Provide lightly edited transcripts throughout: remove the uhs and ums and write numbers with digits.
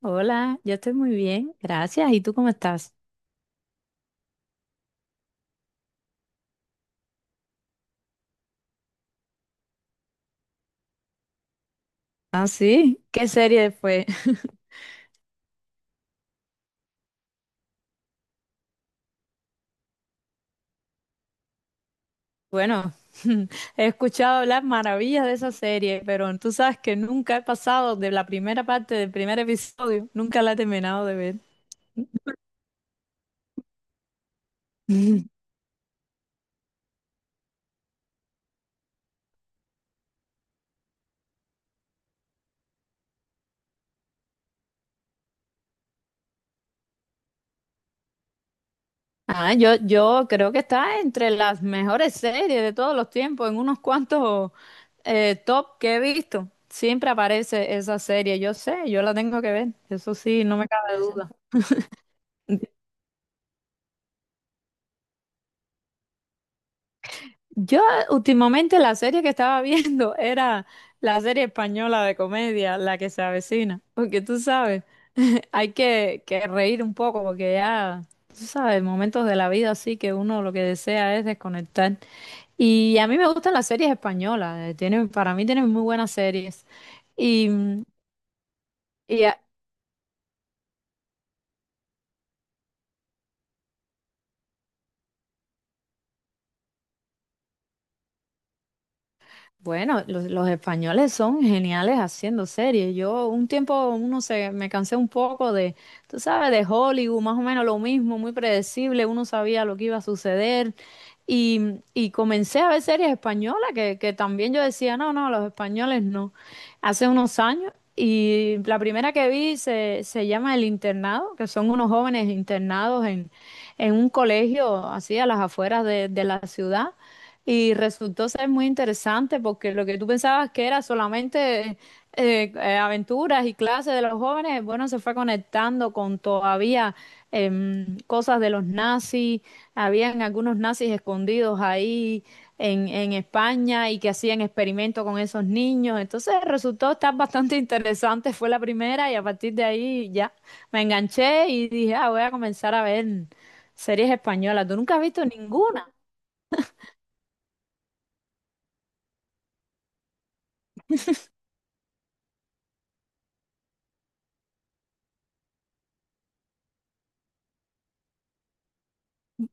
Hola, yo estoy muy bien, gracias. ¿Y tú cómo estás? Ah, sí, ¿qué serie fue? Bueno, he escuchado hablar maravillas de esa serie, pero tú sabes que nunca he pasado de la primera parte del primer episodio, nunca la he terminado de ver. Ah, yo creo que está entre las mejores series de todos los tiempos, en unos cuantos top que he visto. Siempre aparece esa serie, yo sé, yo la tengo que ver, eso sí, no me cabe duda. Yo últimamente la serie que estaba viendo era la serie española de comedia, La que se avecina, porque tú sabes, hay que reír un poco, porque ya, tú sabes, momentos de la vida así que uno lo que desea es desconectar. Y a mí me gustan las series españolas, tienen, para mí tienen muy buenas series. Y, y, Bueno, los españoles son geniales haciendo series. Yo un tiempo, uno se, me cansé un poco de, tú sabes, de Hollywood, más o menos lo mismo, muy predecible, uno sabía lo que iba a suceder. Y, y comencé a ver series españolas que también yo decía, no, no, los españoles no. Hace unos años, y la primera que vi se, se llama El Internado, que son unos jóvenes internados en un colegio así a las afueras de la ciudad. Y resultó ser muy interesante porque lo que tú pensabas que era solamente aventuras y clases de los jóvenes, bueno, se fue conectando con todavía cosas de los nazis. Habían algunos nazis escondidos ahí en España y que hacían experimentos con esos niños. Entonces resultó estar bastante interesante. Fue la primera y a partir de ahí ya me enganché y dije, ah, voy a comenzar a ver series españolas. ¿Tú nunca has visto ninguna?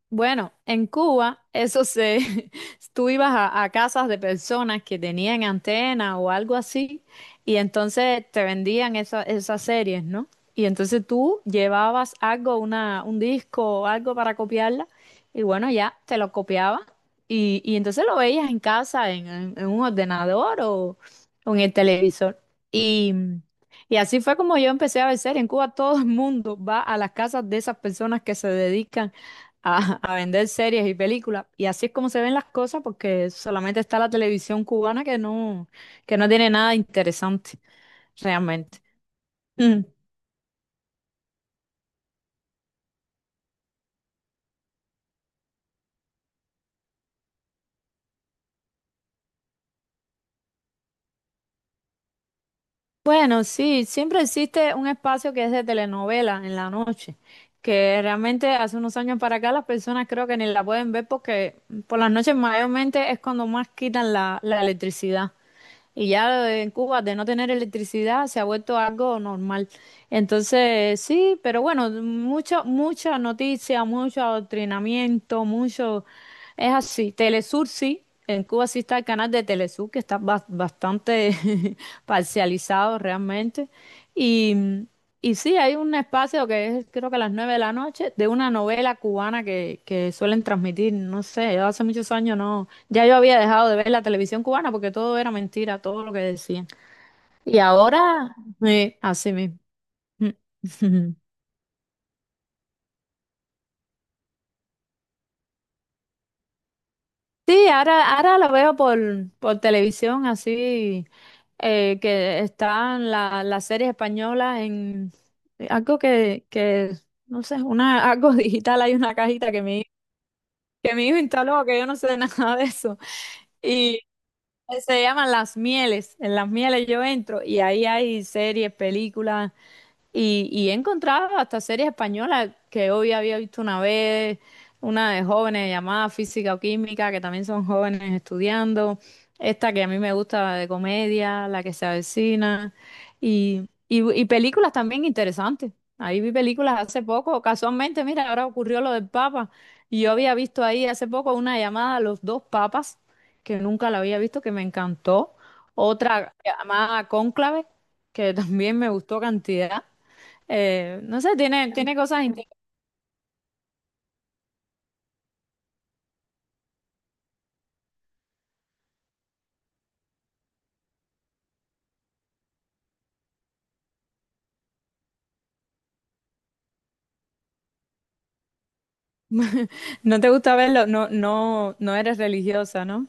Bueno, en Cuba, eso se, tú ibas a casas de personas que tenían antena o algo así, y entonces te vendían esa- esas series, ¿no? Y entonces tú llevabas algo, una, un disco o algo para copiarla, y bueno, ya te lo copiaba, y entonces lo veías en casa, en un ordenador o en el televisor. Y, y así fue como yo empecé a ver series. En Cuba todo el mundo va a las casas de esas personas que se dedican a vender series y películas. Y así es como se ven las cosas porque solamente está la televisión cubana que no tiene nada interesante realmente. Mm. Bueno, sí, siempre existe un espacio que es de telenovela en la noche, que realmente hace unos años para acá las personas creo que ni la pueden ver porque por las noches mayormente es cuando más quitan la electricidad. Y ya en Cuba, de no tener electricidad, se ha vuelto algo normal. Entonces, sí, pero bueno, mucha noticia, mucho adoctrinamiento, mucho. Es así, Telesur sí, en Cuba sí está el canal de Telesur, que está bas- bastante parcializado realmente. Y, y sí, hay un espacio que es creo que a las nueve de la noche, de una novela cubana que suelen transmitir, no sé, yo hace muchos años no, ya yo había dejado de ver la televisión cubana porque todo era mentira, todo lo que decían. Y ahora, sí, así mismo. Sí, ahora lo veo por televisión, así que están las series españolas en algo no sé, una, algo digital, hay una cajita que mi hijo instaló, que yo no sé de nada de eso. Y se llaman Las Mieles, en Las Mieles yo entro y ahí hay series, películas, y he encontrado hasta series españolas que hoy había visto una vez, una de jóvenes llamada Física o Química, que también son jóvenes estudiando, esta que a mí me gusta de comedia, La que se avecina, y películas también interesantes. Ahí vi películas hace poco, casualmente, mira, ahora ocurrió lo del Papa, y yo había visto ahí hace poco una llamada a los dos papas, que nunca la había visto, que me encantó, otra llamada Cónclave, que también me gustó cantidad. No sé, tiene, tiene cosas interesantes. No te gusta verlo, no, no, no eres religiosa, ¿no?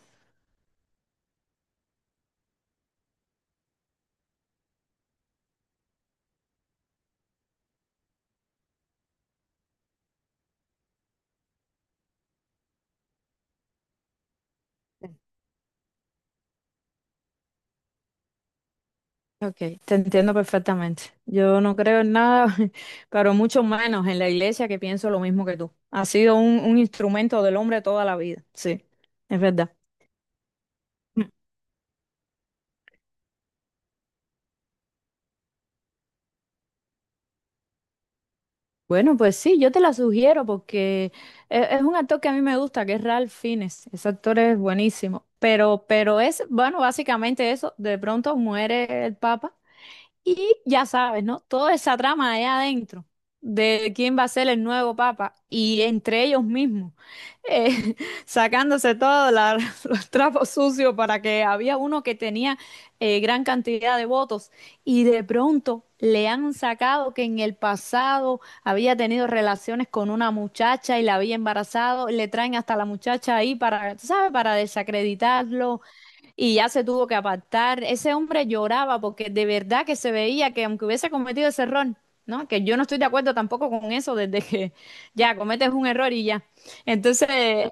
Ok, te entiendo perfectamente. Yo no creo en nada, pero mucho menos en la iglesia que pienso lo mismo que tú. Ha sido un instrumento del hombre toda la vida, sí, es verdad. Mm. Bueno, pues sí, yo te la sugiero porque es un actor que a mí me gusta, que es Ralph Fiennes. Ese actor es buenísimo. Pero es, bueno, básicamente eso, de pronto muere el Papa. Y ya sabes, ¿no? Toda esa trama allá adentro de quién va a ser el nuevo papa y entre ellos mismos, eh, sacándose todos la- los trapos sucios para que había uno que tenía gran cantidad de votos y de pronto le han sacado que en el pasado había tenido relaciones con una muchacha y la había embarazado, le traen hasta la muchacha ahí para, ¿tú ¿sabes? Para desacreditarlo, y ya se tuvo que apartar. Ese hombre lloraba porque de verdad que se veía que aunque hubiese cometido ese error, ¿no? Que yo no estoy de acuerdo tampoco con eso desde que ya cometes un error y ya. Entonces,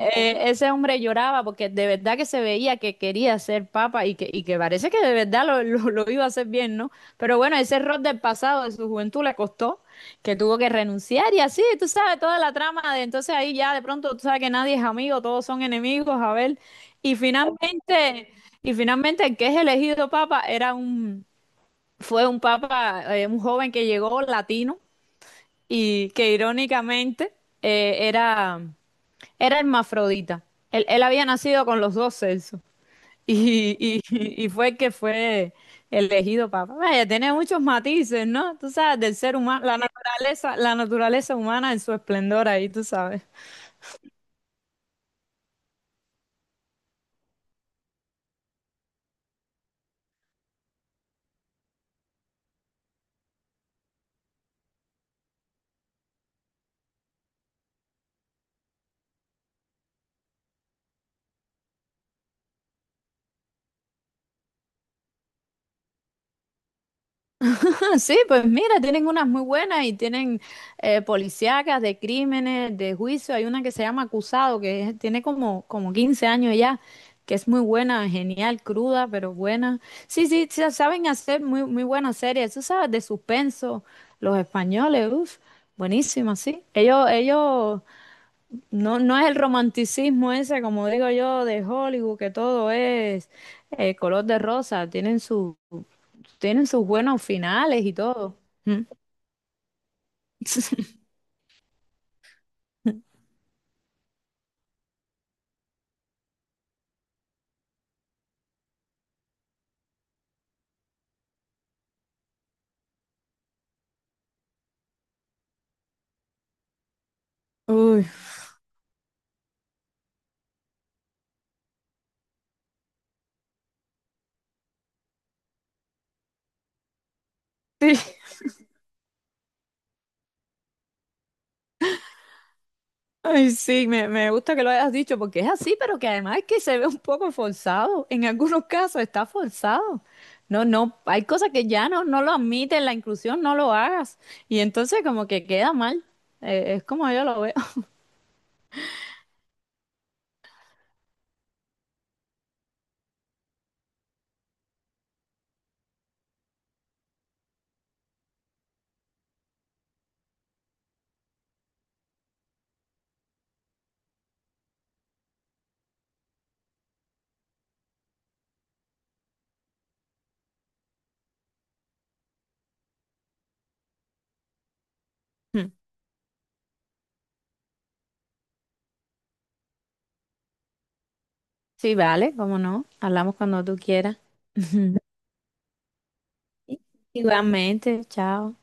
ese hombre lloraba porque de verdad que se veía que quería ser papa y y que parece que de verdad lo iba a hacer bien, ¿no? Pero bueno, ese error del pasado, de su juventud, le costó que tuvo que renunciar y así, tú sabes, toda la trama de entonces ahí ya de pronto tú sabes que nadie es amigo, todos son enemigos, a ver, y finalmente, y finalmente el que es elegido papa era un, fue un papa, un joven que llegó latino y que irónicamente eh, era, era hermafrodita. Él había nacido con los dos sexos. Y, y, y fue que fue elegido papa. Vaya, tiene muchos matices, ¿no? Tú sabes, del ser humano, la naturaleza humana en su esplendor ahí, tú sabes. Ah, sí, pues mira, tienen unas muy buenas y tienen policíacas de crímenes, de juicio. Hay una que se llama Acusado, que es- tiene como 15 años ya, que es muy buena, genial, cruda, pero buena. Sí, sí, sa- saben hacer muy buenas series. Tú sabes, de suspenso, los españoles, uff, buenísima, sí. Ellos, no, no es el romanticismo ese, como digo yo, de Hollywood, que todo es color de rosa. Tienen su... Tienen sus buenos finales y todo. Mm. Uy, sí, ay, sí, me gusta que lo hayas dicho porque es así, pero que además es que se ve un poco forzado. En algunos casos está forzado. No, no, hay cosas que ya no, no lo admiten, la inclusión no lo hagas. Y entonces como que queda mal. Es como yo lo veo. Sí, vale, cómo no. Hablamos cuando tú quieras. Igualmente, chao.